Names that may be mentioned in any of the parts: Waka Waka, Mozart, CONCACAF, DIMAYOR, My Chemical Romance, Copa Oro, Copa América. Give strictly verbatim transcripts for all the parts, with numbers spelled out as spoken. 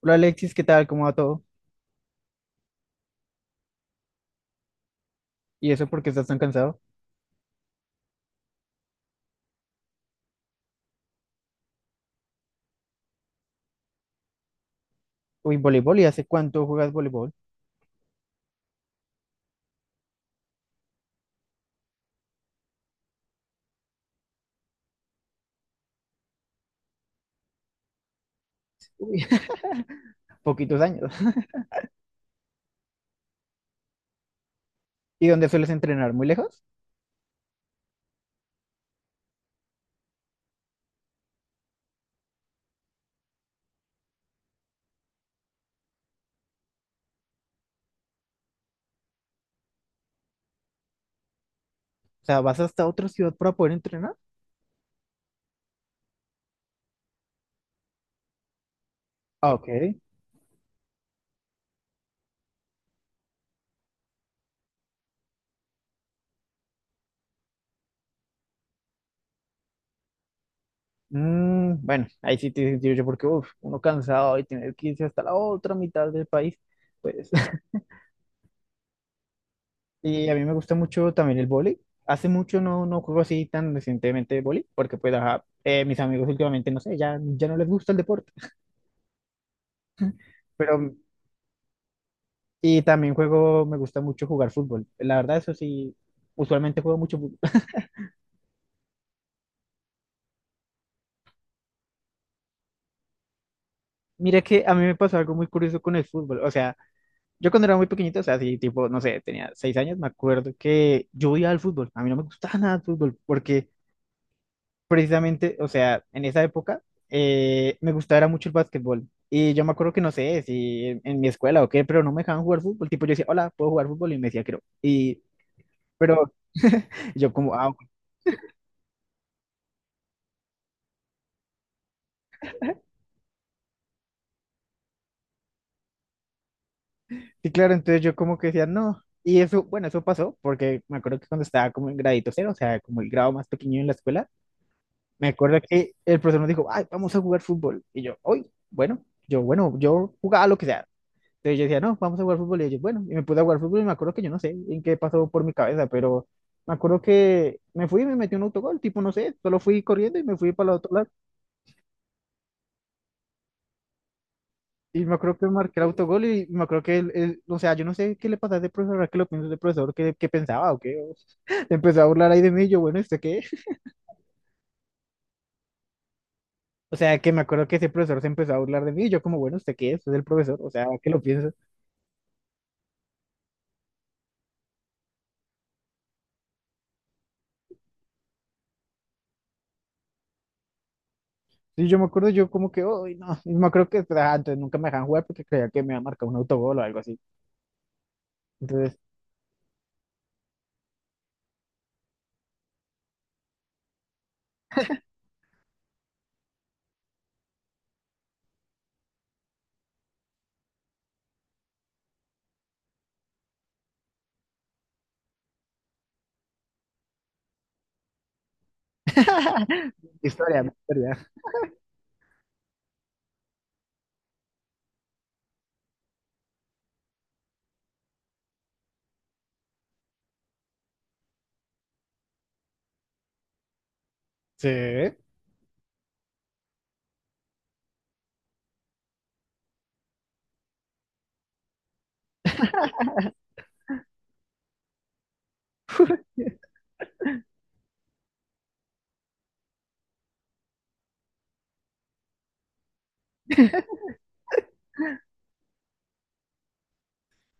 Hola Alexis, ¿qué tal? ¿Cómo va todo? ¿Y eso por qué estás tan cansado? Uy, voleibol, ¿y hace cuánto juegas voleibol? Uy, poquitos años. ¿Y dónde sueles entrenar? ¿Muy lejos? O sea, ¿vas hasta otra ciudad para poder entrenar? Ah, ok. Mm, bueno, ahí sí te sentido yo porque, uf, uno cansado y tener que irse hasta la otra mitad del país, pues. Y a mí me gusta mucho también el vóley. Hace mucho no, no juego así tan recientemente vóley, porque pues, ajá, eh, mis amigos últimamente, no sé, ya, ya no les gusta el deporte. Pero Y también juego, me gusta mucho jugar fútbol. La verdad, eso sí, usualmente juego mucho fútbol. Mira que a mí me pasó algo muy curioso con el fútbol. O sea, yo cuando era muy pequeñito, o sea, sí, tipo, no sé, tenía seis años, me acuerdo que yo iba al fútbol. A mí no me gustaba nada el fútbol porque precisamente, o sea, en esa época eh, me gustaba era mucho el básquetbol. Y yo me acuerdo que no sé si en, en mi escuela o qué, pero no me dejaban jugar fútbol. Tipo, yo decía, hola, ¿puedo jugar fútbol? Y me decía, creo. Y, pero yo como, ah, sí, claro, entonces yo como que decía, no. Y eso, bueno, eso pasó porque me acuerdo que cuando estaba como en gradito cero, o sea, como el grado más pequeño en la escuela, me acuerdo que el profesor nos dijo, ay, vamos a jugar fútbol. Y yo, hoy, bueno, yo, bueno, yo jugaba lo que sea. Entonces yo decía, no, vamos a jugar fútbol. Y ellos, bueno, y me puse a jugar fútbol y me acuerdo que yo no sé en qué pasó por mi cabeza, pero me acuerdo que me fui y me metí un autogol, tipo, no sé, solo fui corriendo y me fui para el otro lado. Y me acuerdo que marqué el autogol y me acuerdo que, él, él- o sea, yo no sé qué le pasaba a ese profesor, ahora que lo pienso de profesor, qué, qué pensaba o qué. O sea, se empezó a burlar ahí de mí, y yo, bueno, ¿este qué? O sea, que me acuerdo que ese profesor se empezó a burlar de mí, y yo como, bueno, ¿este qué es? Es el profesor, o sea, ¿qué lo piensa? Y yo me acuerdo, yo como que, uy, no, y me acuerdo que, ah, entonces nunca me dejaban jugar porque creía que me iba a marcar un autogol o algo así. Entonces, historia, mi historia. Sí.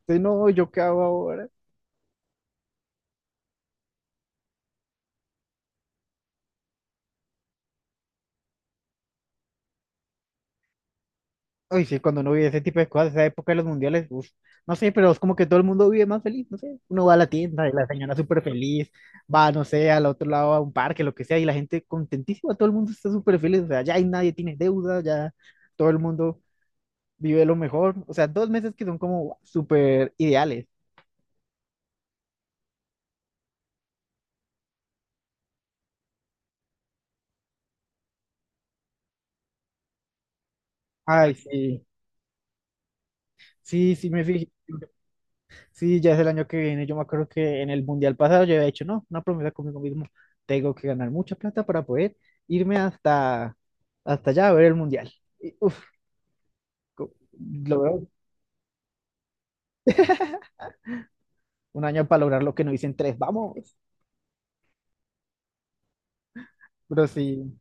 Sí, no, ¿yo qué hago ahora? Uy, sí, cuando uno vive ese tipo de cosas, esa época de los mundiales, uf, no sé, pero es como que todo el mundo vive más feliz, no sé. Uno va a la tienda y la señora súper feliz, va, no sé, al otro lado a un parque, lo que sea, y la gente contentísima, todo el mundo está súper feliz, o sea, ya ahí nadie tiene deuda, ya todo el mundo vive lo mejor, o sea, dos meses que son como súper ideales. Ay, sí, sí, sí, me fijé. Sí, ya es el año que viene. Yo me acuerdo que en el mundial pasado yo había hecho, no, una promesa conmigo mismo. Tengo que ganar mucha plata para poder irme hasta, hasta allá a ver el mundial. Y, uf, co- lo veo un año para lograr lo que no hice en tres. Vamos. Pero sí,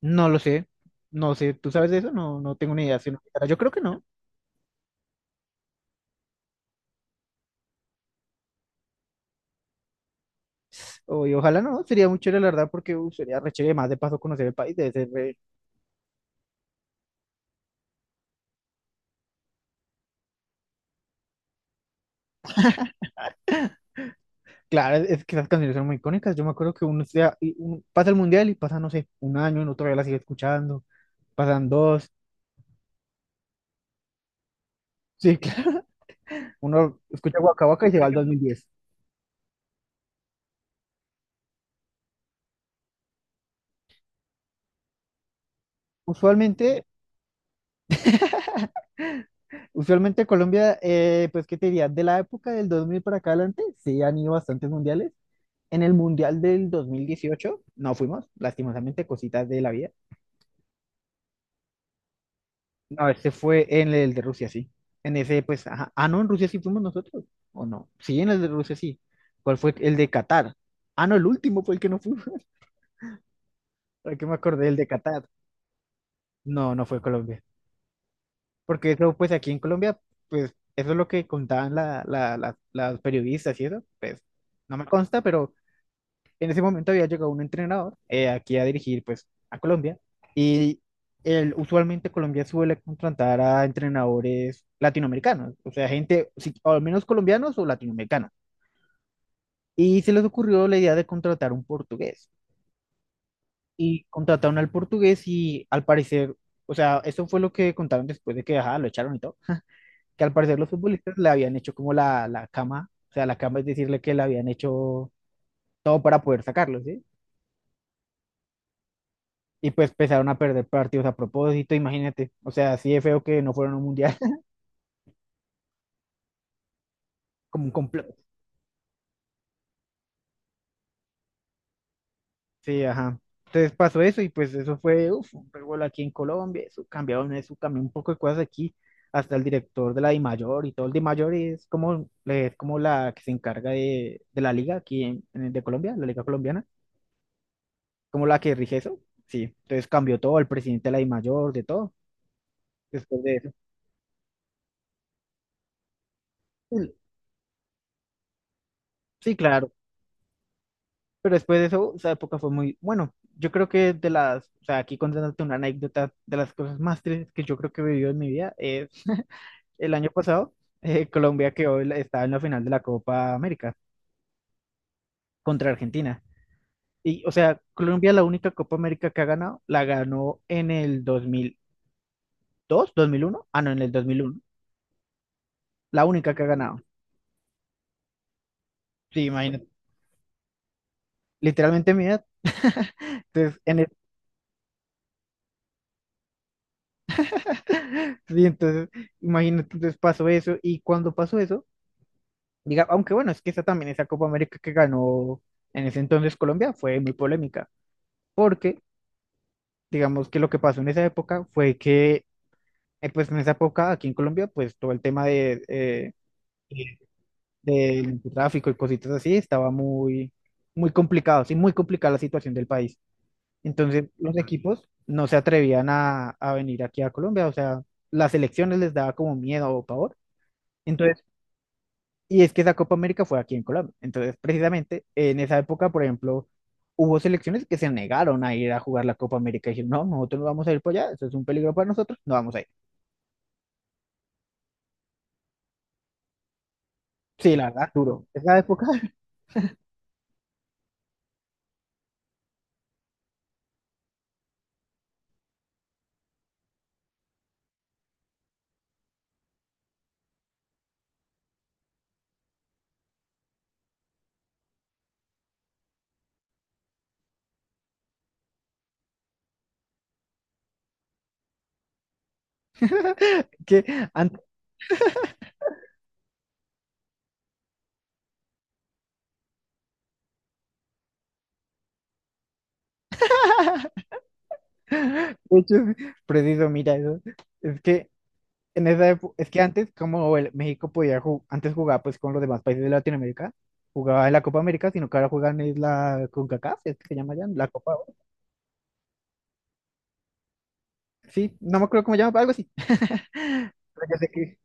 no lo sé. No sé, ¿tú sabes de eso? No, no tengo ni idea. Si no, yo creo que no. O, y ojalá no. Sería muy chévere, la verdad, porque uf, sería re chévere. Más de paso, conocer el país. Debe ser re- claro, es es que esas canciones son muy icónicas. Yo me acuerdo que uno sea, y uno pasa el mundial y pasa, no sé, un año, uno todavía la sigue escuchando. Pasan dos. Sí, claro. Uno escucha Waka Waka y llega al dos mil diez. Usualmente, usualmente Colombia, eh, pues, ¿qué te diría? De la época del dos mil para acá adelante, sí han ido bastantes mundiales. En el mundial del dos mil dieciocho, no fuimos, lastimosamente, cositas de la vida. No, ese fue en el de Rusia, sí. En ese, pues, ajá. Ah, no, en Rusia sí fuimos nosotros, ¿o no? Sí, en el de Rusia sí. ¿Cuál fue el de Qatar? Ah, no, el último fue el que no fuimos. ¿Para qué me acordé? El de Qatar. No, no fue Colombia. Porque eso, pues aquí en Colombia, pues eso es lo que contaban la, la, la- las periodistas y eso, pues no me consta, pero en ese momento había llegado un entrenador eh, aquí a dirigir, pues, a Colombia. Y el usualmente Colombia suele contratar a entrenadores latinoamericanos, o sea, gente, sí, o al menos colombianos o latinoamericanos. Y se les ocurrió la idea de contratar un portugués. Y contrataron al portugués y al parecer, o sea, eso fue lo que contaron después de que, ajá, lo echaron y todo que al parecer los futbolistas le habían hecho como la, la cama, o sea, la cama es decirle que le habían hecho todo para poder sacarlo, ¿sí? Y pues empezaron a perder partidos a propósito, imagínate, o sea, así de feo que no fueron a un mundial, como un complot. Sí, ajá. Entonces pasó eso y pues eso fue, uf, un revuelo aquí en Colombia, eso cambiaron eso, cambió un poco de cosas aquí, hasta el director de la DIMAYOR y todo. El DIMAYOR es como, es como la que se encarga de, de la liga aquí en, en- de Colombia, la liga colombiana como la que rige eso. Sí, entonces cambió todo, el presidente de la DIMAYOR, de todo, después de eso. Sí, sí, claro, pero después de eso, esa época fue muy, bueno, yo creo que de las, o sea, aquí contándote una anécdota de las cosas más tristes que yo creo que he vivido en mi vida, es el año pasado, eh, Colombia quedó, en la- estaba en la final de la Copa América contra Argentina. Y, o sea, Colombia la única Copa América que ha ganado, la ganó en el dos mil dos, dos mil uno, ah, no, en el dos mil uno, la única que ha ganado. Sí, imagínate. Literalmente mi edad. Entonces, en el- sí, entonces, imagínate, entonces pasó eso y cuando pasó eso, diga, aunque bueno, es que esa también, esa Copa América que ganó en ese entonces Colombia fue muy polémica, porque digamos que lo que pasó en esa época fue que, eh, pues en esa época aquí en Colombia, pues todo el tema de, eh, del tráfico y cositas así estaba muy, muy complicado, sí, muy complicada la situación del país. Entonces los equipos no se atrevían a, a venir aquí a Colombia, o sea, las elecciones les daba como miedo o pavor. Entonces, y es que esa Copa América fue aquí en Colombia. Entonces, precisamente en esa época, por ejemplo, hubo selecciones que se negaron a ir a jugar la Copa América y dijeron, no, nosotros no vamos a ir por allá, eso es un peligro para nosotros, no vamos a ir. Sí, la verdad, duro. Esa época que antes, de hecho, preciso, mira eso. Es que en esa época, es que antes, como el México podía ju- antes jugaba pues con los demás países de Latinoamérica, jugaba en la Copa América, sino que ahora juegan en la CONCACAF, es que se llama ya, la Copa Oro. Sí, no me acuerdo cómo se llama, pero algo así. Pero yo sé que...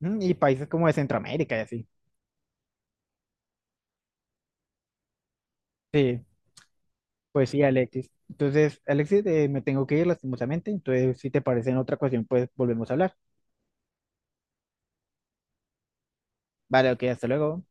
Mm, y países como de Centroamérica y así. Sí, pues sí, Alexis. Entonces, Alexis, eh, me tengo que ir lastimosamente, entonces si te parece en otra ocasión, pues volvemos a hablar. Vale, ok, hasta luego.